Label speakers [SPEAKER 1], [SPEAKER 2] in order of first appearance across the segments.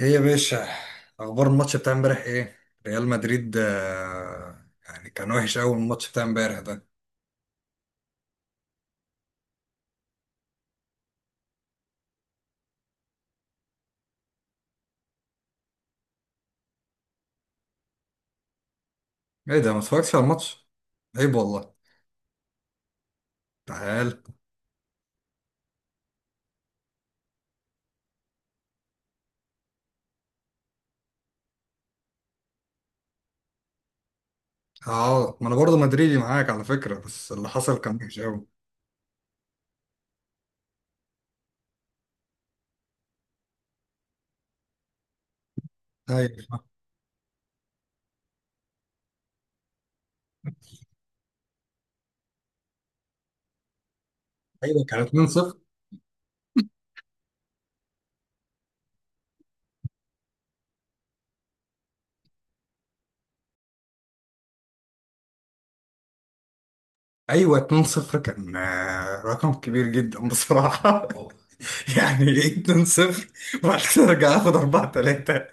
[SPEAKER 1] ايه يا باشا، اخبار الماتش بتاع امبارح ايه؟ ريال مدريد، يعني كان وحش قوي الماتش بتاع امبارح ده. ايه ده؟ ما اتفرجتش على الماتش؟ عيب والله. تعال. اه، ما انا برضه مدريدي معاك على فكره، بس اللي حصل كان وحش قوي. ايوه، ايوه، كان 2-0. ايوه، 2-0 كان رقم كبير جدا بصراحه. يعني ايه 2-0؟ وبعد كده ارجع اخد 4-3.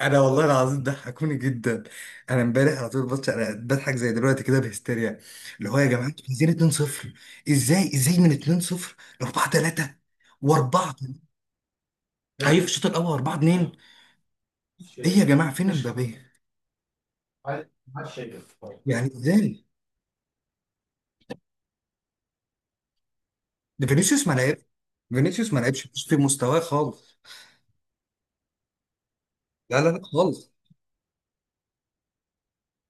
[SPEAKER 1] انا والله العظيم ضحكوني جدا. انا امبارح على طول بص انا بضحك زي دلوقتي كده بهستيريا. اللي هو يا جماعه، انتوا عايزين 2-0؟ ازاي؟ ازاي من 2-0 ل 4-3 و4؟ هيجي في الشوط الاول 4-2. ايه يا جماعه، فين امبابيه؟ يعني ازاي؟ ده فينيسيوس ما لعبش. فينيسيوس ما لعبش، مش في مستواه خالص. لا، لا، لا خالص.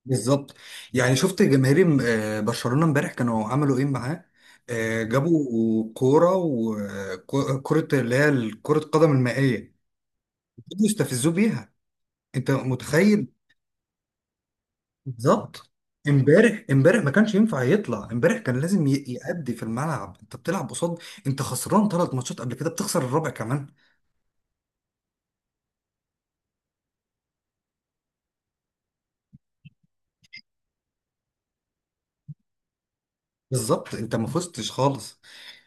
[SPEAKER 1] بالظبط. يعني شفت جماهير برشلونه امبارح كانوا عملوا ايه معاه؟ جابوا كوره وكرة اللي هي كرة قدم المائية. يستفزوه بيها. انت متخيل؟ بالظبط. امبارح، امبارح ما كانش ينفع يطلع، امبارح كان لازم يأدي في الملعب، انت بتلعب قصاد. انت خسران ثلاث ماتشات قبل كده، بتخسر الرابع كمان. بالظبط، انت ما فزتش خالص.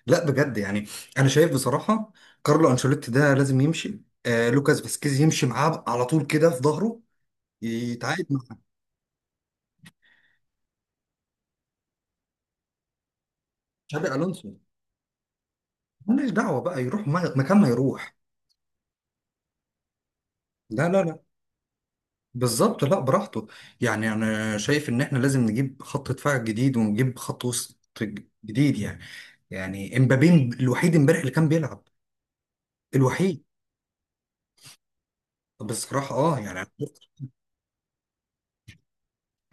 [SPEAKER 1] لا بجد يعني. انا شايف بصراحة. كارلو انشيلوتي ده لازم يمشي، لوكاس فاسكيز يمشي معاه على طول كده في ظهره. يتعاقد مع... تشابي الونسو. مالناش دعوة بقى يروح مكان ما يروح. لا، لا، لا. بالظبط، لا براحته. يعني انا شايف ان احنا لازم نجيب خط دفاع جديد ونجيب خط وسط جديد يعني. يعني امبابي. الوحيد امبارح اللي كان بيلعب. الوحيد. بصراحة اه يعني.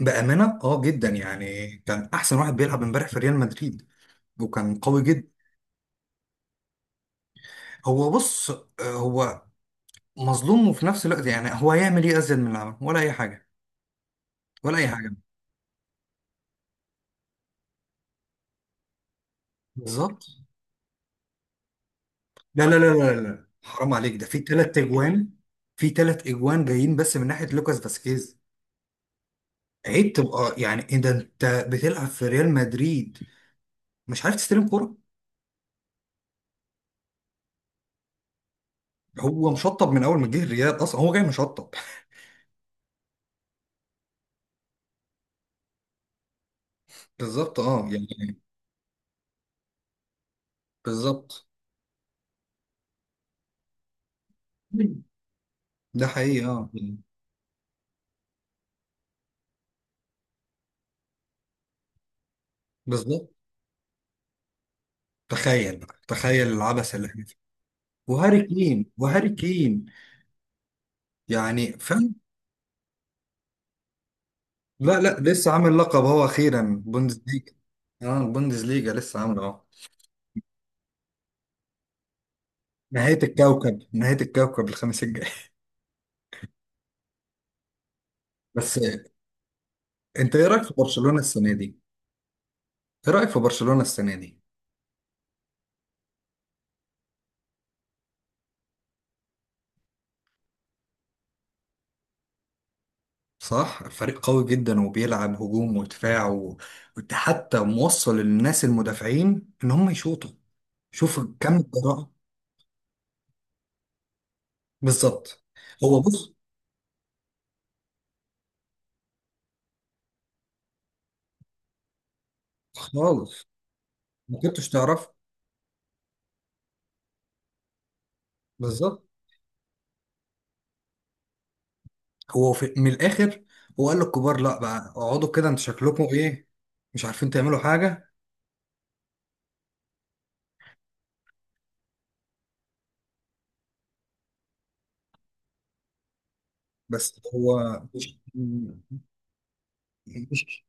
[SPEAKER 1] بأمانة اه، جدا يعني كان احسن واحد بيلعب امبارح في ريال مدريد. وكان قوي جدا. هو بص، هو مظلوم وفي نفس الوقت يعني هو هيعمل ايه ازيد من اللي عمله؟ ولا اي حاجة؟ ولا اي حاجة. بالظبط. لا، لا، لا، لا، لا، حرام عليك، ده في ثلاث اجوان. في ثلاث اجوان جايين بس من ناحية لوكاس فاسكيز. عيب تبقى، يعني ايه ده، انت بتلعب في ريال مدريد. مش عارف تستلم كرة. هو مشطب من اول ما جه الريال، اصلا هو جاي مشطب. بالظبط اه يعني. بالظبط. ده حقيقي اه يعني. بالظبط. تخيل بقى، تخيل العبث اللي احنا فيه. وهاري كين، وهاري كين. يعني فاهم. لا، لا، لسه عامل لقب، هو اخيرا بوندسليجا. اه، بوندسليجا لسه عامله اه. نهاية الكوكب، نهاية الكوكب الخميس الجاي. بس. انت ايه رأيك في برشلونة السنة دي؟ ايه رأيك في برشلونة السنة دي؟ صح، فريق قوي جدا وبيلعب هجوم ودفاع وحتى موصل للناس المدافعين ان هم يشوطوا. شوف كم الجراءة. بالظبط. هو بص. خالص. ما كنتش تعرف. بالظبط. هو في من الاخر، هو قال للكبار، لا بقى اقعدوا كده انتوا شكلكم ايه. مش عارفين تعملوا حاجة. بس هو مش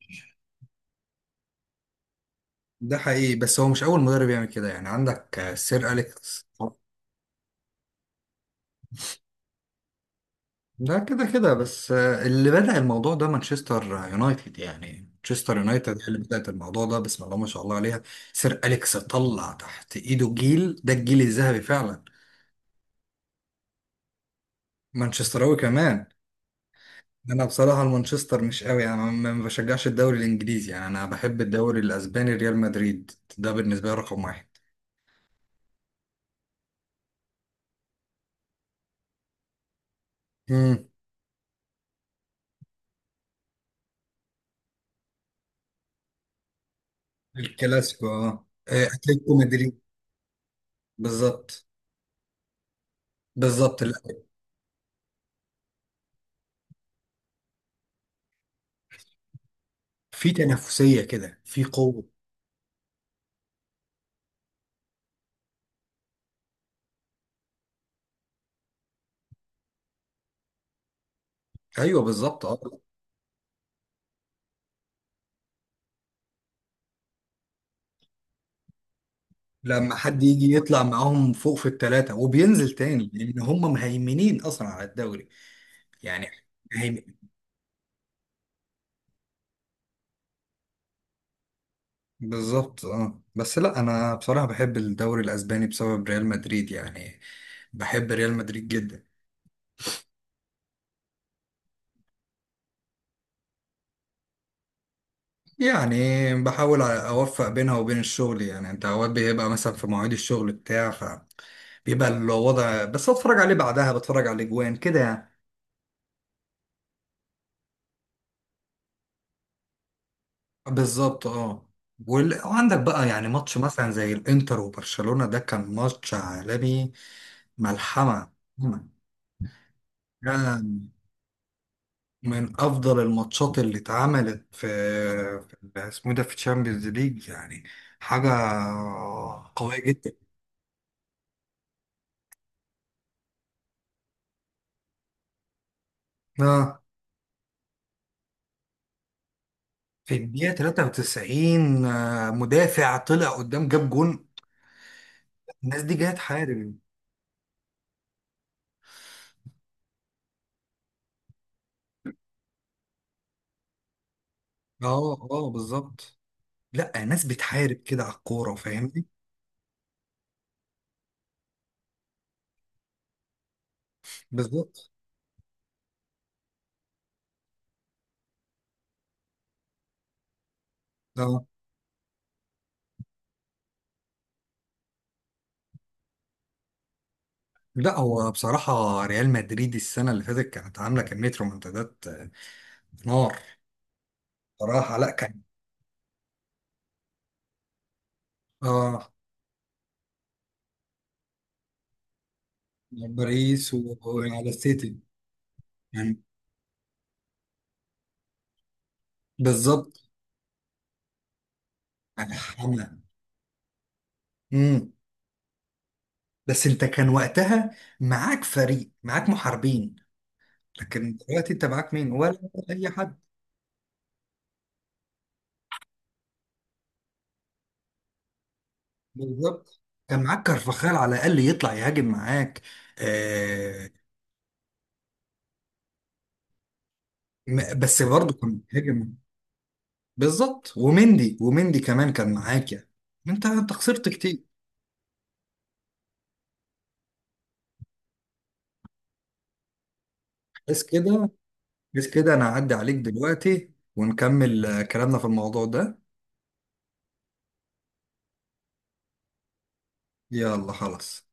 [SPEAKER 1] ده حقيقي، بس هو مش أول مدرب يعمل كده، يعني عندك سير أليكس. ده كده كده، بس اللي بدأ الموضوع ده مانشستر يونايتد، يعني مانشستر يونايتد هي اللي بدأت الموضوع ده، بسم الله ما شاء الله عليها. سير أليكس طلع تحت إيده جيل، ده الجيل الذهبي فعلا. مانشستراوي كمان. أنا بصراحة المانشستر مش قوي، يعني ما بشجعش الدوري الإنجليزي، يعني أنا بحب الدوري الأسباني ريال مدريد. ده بالنسبة لي رقم واحد. مم. الكلاسيكو اه، أتلتيكو مدريد. بالظبط. بالظبط، في تنافسية كده في قوة. ايوه، بالظبط اه. لما حد يجي يطلع معاهم فوق في الثلاثة وبينزل تاني، لان هم مهيمنين اصلا على الدوري. يعني. مهيمن. بالظبط اه، بس لا انا بصراحة بحب الدوري الاسباني بسبب ريال مدريد يعني. بحب ريال مدريد جدا. يعني. بحاول اوفق بينها وبين الشغل، يعني انت اوقات بيبقى مثلا في مواعيد الشغل بتاع فبيبقى الوضع، بس اتفرج عليه بعدها بتفرج على الاجوان كده يعني. بالظبط اه. وعندك بقى يعني ماتش مثلا زي الانتر وبرشلونة ده كان ماتش عالمي. ملحمة. كان من افضل الماتشات اللي اتعملت في اسمه ده في تشامبيونز ليج، يعني حاجة قوية جدا. اه، في الدقيقة 93 مدافع طلع قدام جاب جون. الناس دي جاية تحارب. اه، اه، بالظبط. لا، ناس بتحارب كده على الكورة فاهمني. بالظبط اه. لا هو بصراحة ريال مدريد السنة اللي فاتت كانت عاملة كمية رومنتادات، نار. بصراحة، لا كان. اه، باريس وعلى السيتي. يعني. بالظبط. يعني حملة. امم. بس انت كان وقتها معاك فريق، معاك محاربين. لكن دلوقتي انت معاك مين؟ ولا اي حد؟ بالظبط. كان معاك كارفاخال على الاقل يطلع يهاجم معاك. آه بس برضه كان بيهاجم. بالظبط، ومندي ومندي كمان كان معاك يعني. انت خسرت كتير. بس كده. بس كده، انا هعدي عليك دلوقتي ونكمل كلامنا في الموضوع ده. يلا خلاص.